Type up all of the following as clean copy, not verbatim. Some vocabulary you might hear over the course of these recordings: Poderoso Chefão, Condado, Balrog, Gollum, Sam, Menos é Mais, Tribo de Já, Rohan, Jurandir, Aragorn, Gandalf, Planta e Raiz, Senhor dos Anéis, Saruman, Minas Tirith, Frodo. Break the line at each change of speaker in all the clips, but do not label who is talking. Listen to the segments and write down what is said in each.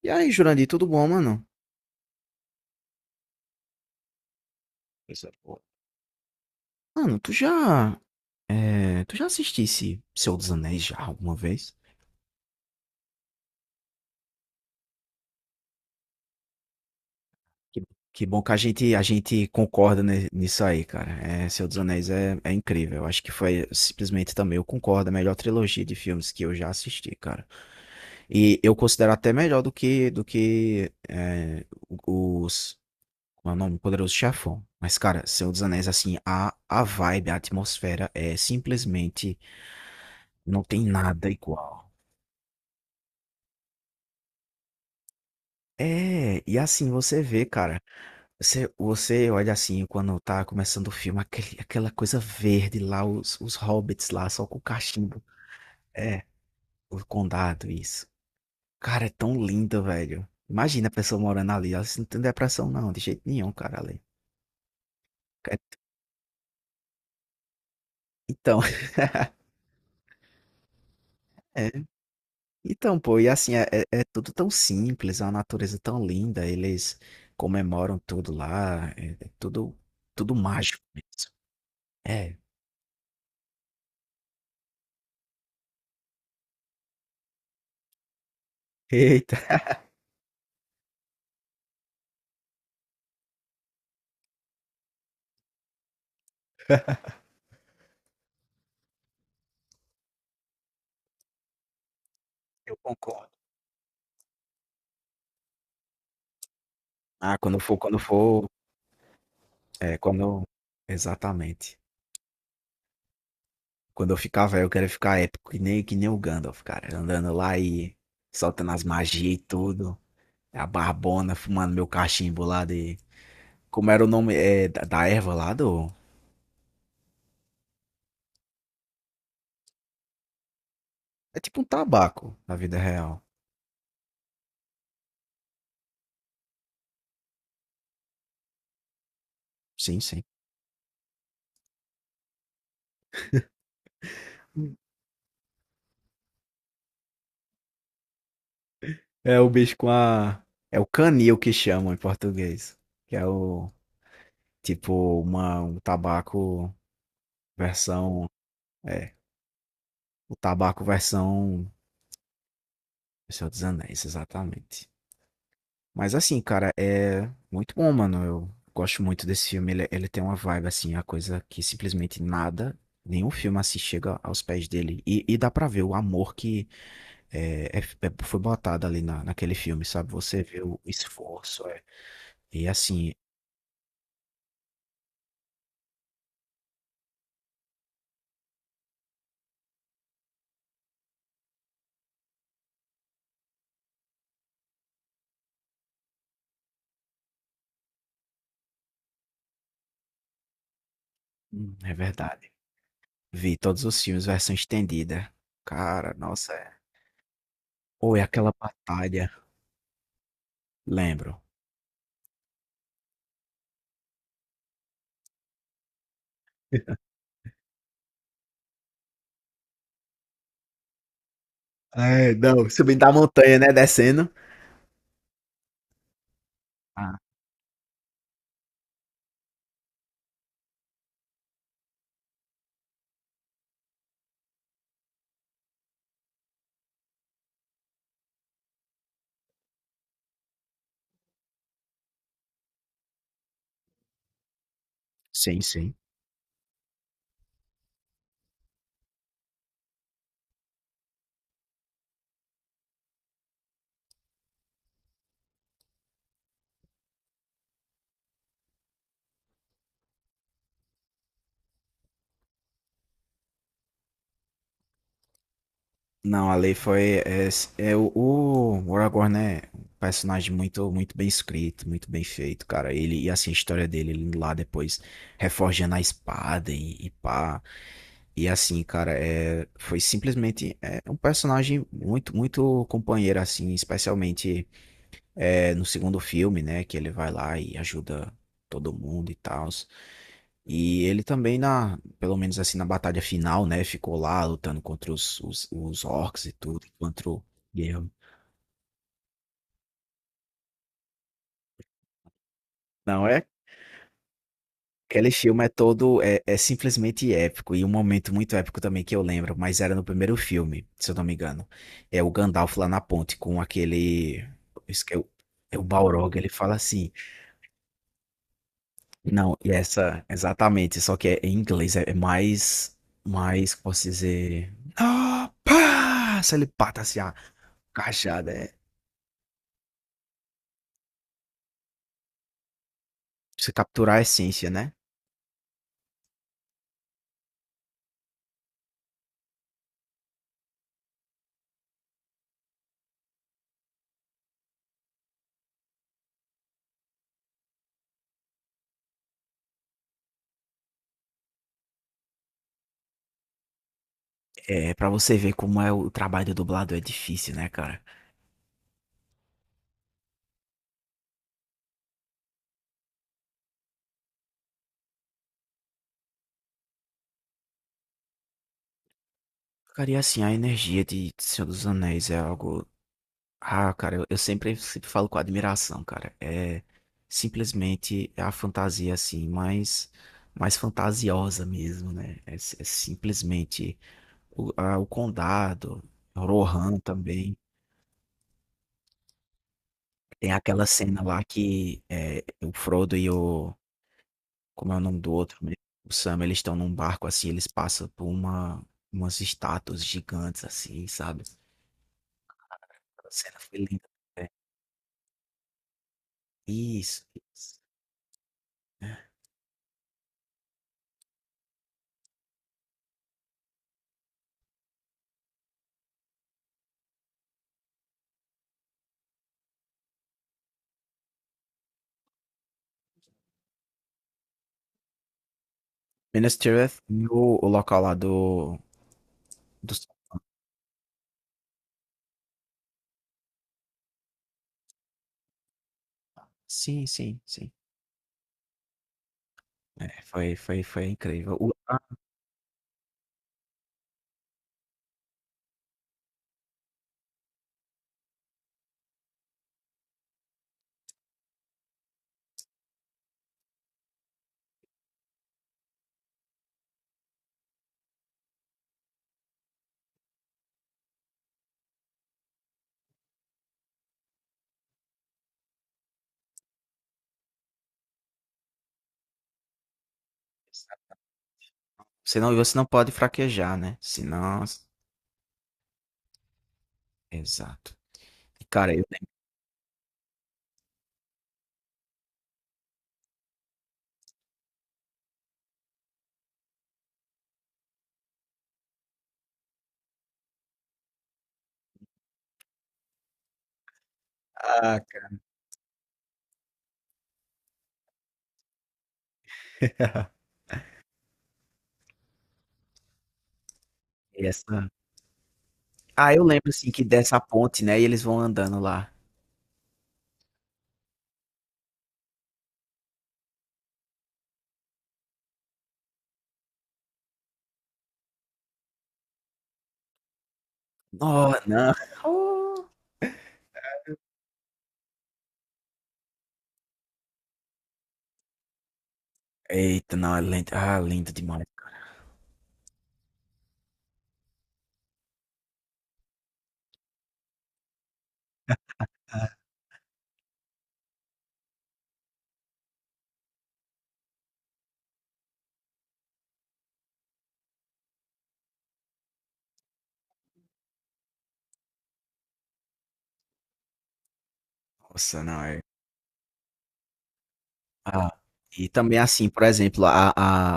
E aí, Jurandir, tudo bom, mano? Coisa boa. Mano, tu já assistisse Senhor dos Anéis já alguma vez? Que, que bom que a gente concorda nisso aí, cara. É, Senhor dos Anéis é incrível. Eu acho que foi simplesmente também, eu concordo, a melhor trilogia de filmes que eu já assisti, cara. E eu considero até melhor do que os, como é o nome? Poderoso Chefão. Mas, cara, Senhor dos Anéis, assim, a vibe, a atmosfera é simplesmente, não tem nada igual. É, e assim você vê, cara. Você olha assim, quando tá começando o filme, aquela coisa verde lá, os hobbits lá, só com o cachimbo. É, o condado, isso. Cara, é tão lindo, velho. Imagina a pessoa morando ali. Ela não tem depressão, não, de jeito nenhum, cara, ali. É, então, é. Então, pô, e assim, é tudo tão simples, a natureza tão linda, eles comemoram tudo lá, é tudo mágico mesmo. É. Eita, eu concordo. Ah, quando for, quando, exatamente. Quando eu ficar velho, eu quero ficar épico, que nem o Gandalf, cara, andando lá e soltando as magias e tudo, a barbona, fumando meu cachimbo lá de como era o nome, da erva lá do é tipo um tabaco na vida real. Sim, sim. É o bicho com a. É o canil que chamam em português, que é o tipo, uma um tabaco versão é, versão O Senhor dos Anéis, exatamente. Mas assim, cara, é muito bom, mano. Eu gosto muito desse filme. Ele tem uma vibe, assim, a coisa que simplesmente nada, nenhum filme assim chega aos pés dele. E dá pra ver o amor que foi botado ali naquele filme, sabe? Você vê o esforço. É. E assim, é verdade. Vi todos os filmes, versão estendida. Cara, nossa, é. Ou é aquela batalha. Lembro. É, não, subindo a montanha, né? Descendo. Ah, sim, sim. Não, a lei foi. É, é o Aragorn é um personagem muito, muito bem escrito, muito bem feito, cara. Ele, e assim, a história dele, ele lá depois reforjando a espada e pá. E assim, cara, foi simplesmente um personagem muito, muito companheiro, assim, especialmente. É, no segundo filme, né, que ele vai lá e ajuda todo mundo e tal. E ele também na, pelo menos assim na batalha final, né, ficou lá lutando contra os orcs e tudo, contra o Guerra. Não é? Aquele filme é todo, é simplesmente épico, e um momento muito épico também que eu lembro, mas era no primeiro filme, se eu não me engano. É o Gandalf lá na ponte com aquele, isso que é o, Balrog, ele fala assim: não, e essa, exatamente, só que é em inglês, é mais, como posso dizer, ah, pá, se ele pata assim, a cajada, pra você capturar a essência, né? É, pra você ver como é o trabalho do dublador, é difícil, né, cara? Ficaria assim, a energia de Senhor dos Anéis é algo, ah, cara, eu sempre falo com admiração, cara, é simplesmente a fantasia, assim, mais fantasiosa mesmo, né? É simplesmente o Condado, Rohan também. Tem aquela cena lá que é, o Frodo e o. Como é o nome do outro mesmo? O Sam, eles estão num barco assim, eles passam por umas estátuas gigantes assim, sabe? A cena foi linda, né? Isso, isso. Minas Tirith e o local lá do, do. Sim, sim, sim. É, foi incrível. Você não pode fraquejar, né? Senão. Exato. E, cara, eu, ah, Essa eu lembro assim que dessa ponte, né, e eles vão andando lá. No não. Oh. Eita, não, é lindo. Ah, lindo demais, cara. Nossa, não, ah, e também assim, por exemplo, a,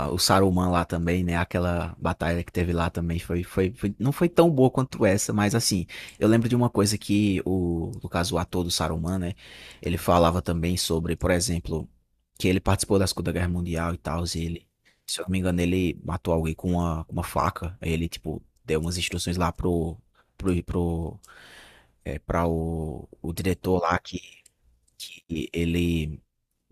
a, o Saruman lá também, né? Aquela batalha que teve lá também não foi tão boa quanto essa, mas assim, eu lembro de uma coisa que o, no caso, o ator do Saruman, né? Ele falava também sobre, por exemplo, que ele participou da Segunda Guerra Mundial e tal, e ele, se eu não me engano, ele matou alguém com uma faca. Aí ele, tipo, deu umas instruções lá pro, pro, pra o diretor lá que, que ele.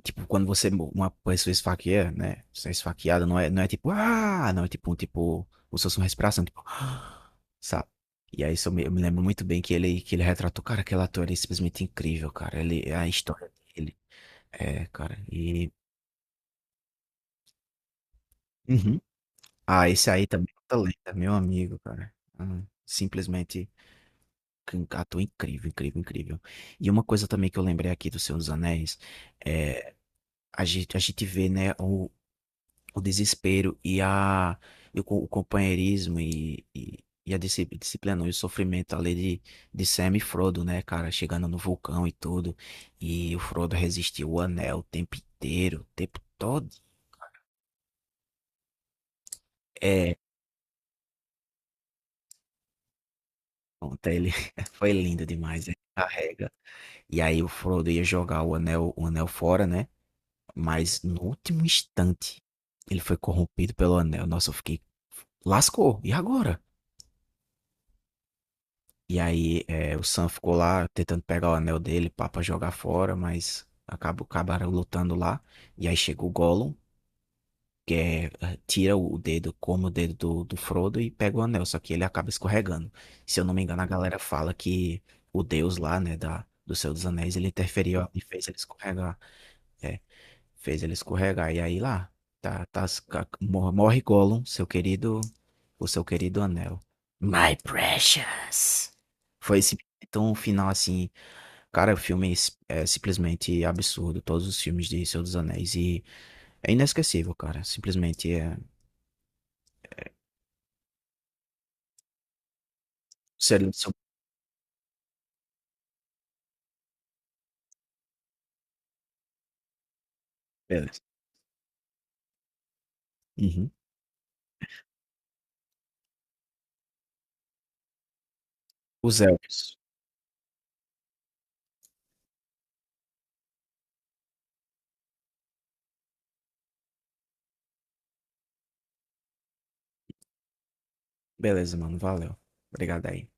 Tipo, quando você, uma pessoa esfaqueia, né? Você é esfaqueada, não é ah, não, é tipo, como se fosse respiração, tipo, "Ah", sabe? E aí isso eu me lembro muito bem que ele, retratou, cara, aquele ator ele é simplesmente incrível, cara. Ele, a história dele. É, cara, e. Uhum. Ah, esse aí também é outra lenda, meu amigo, cara. Ah, simplesmente um ator incrível, incrível, incrível. E uma coisa também que eu lembrei aqui do Senhor dos Anéis, é, a gente vê, né, o desespero e o companheirismo e a disciplina e o sofrimento ali de Sam e Frodo, né, cara, chegando no vulcão e tudo. E o Frodo resistiu o anel o tempo inteiro, o tempo todo. É, pronto, ele foi lindo demais, ele carrega. E aí o Frodo ia jogar o anel fora, né? Mas no último instante ele foi corrompido pelo anel. Nossa, eu fiquei lascou. E agora? E aí o Sam ficou lá tentando pegar o anel dele pra jogar fora, mas acabaram lutando lá. E aí chega o Gollum, que tira o dedo, come o dedo do Frodo e pega o anel, só que ele acaba escorregando. Se eu não me engano, a galera fala que o Deus lá, né, do Senhor dos Anéis, ele interferiu e fez ele escorregar. É, fez ele escorregar. E aí lá, tá, morre Gollum, seu querido o seu querido anel. My precious. Foi esse então, o final, assim, cara, o filme é simplesmente absurdo. Todos os filmes de Senhor dos Anéis. E é inesquecível, cara. Simplesmente é. Seria seu. Beleza. Uhum. Os elfos. Beleza, mano. Valeu. Obrigado aí.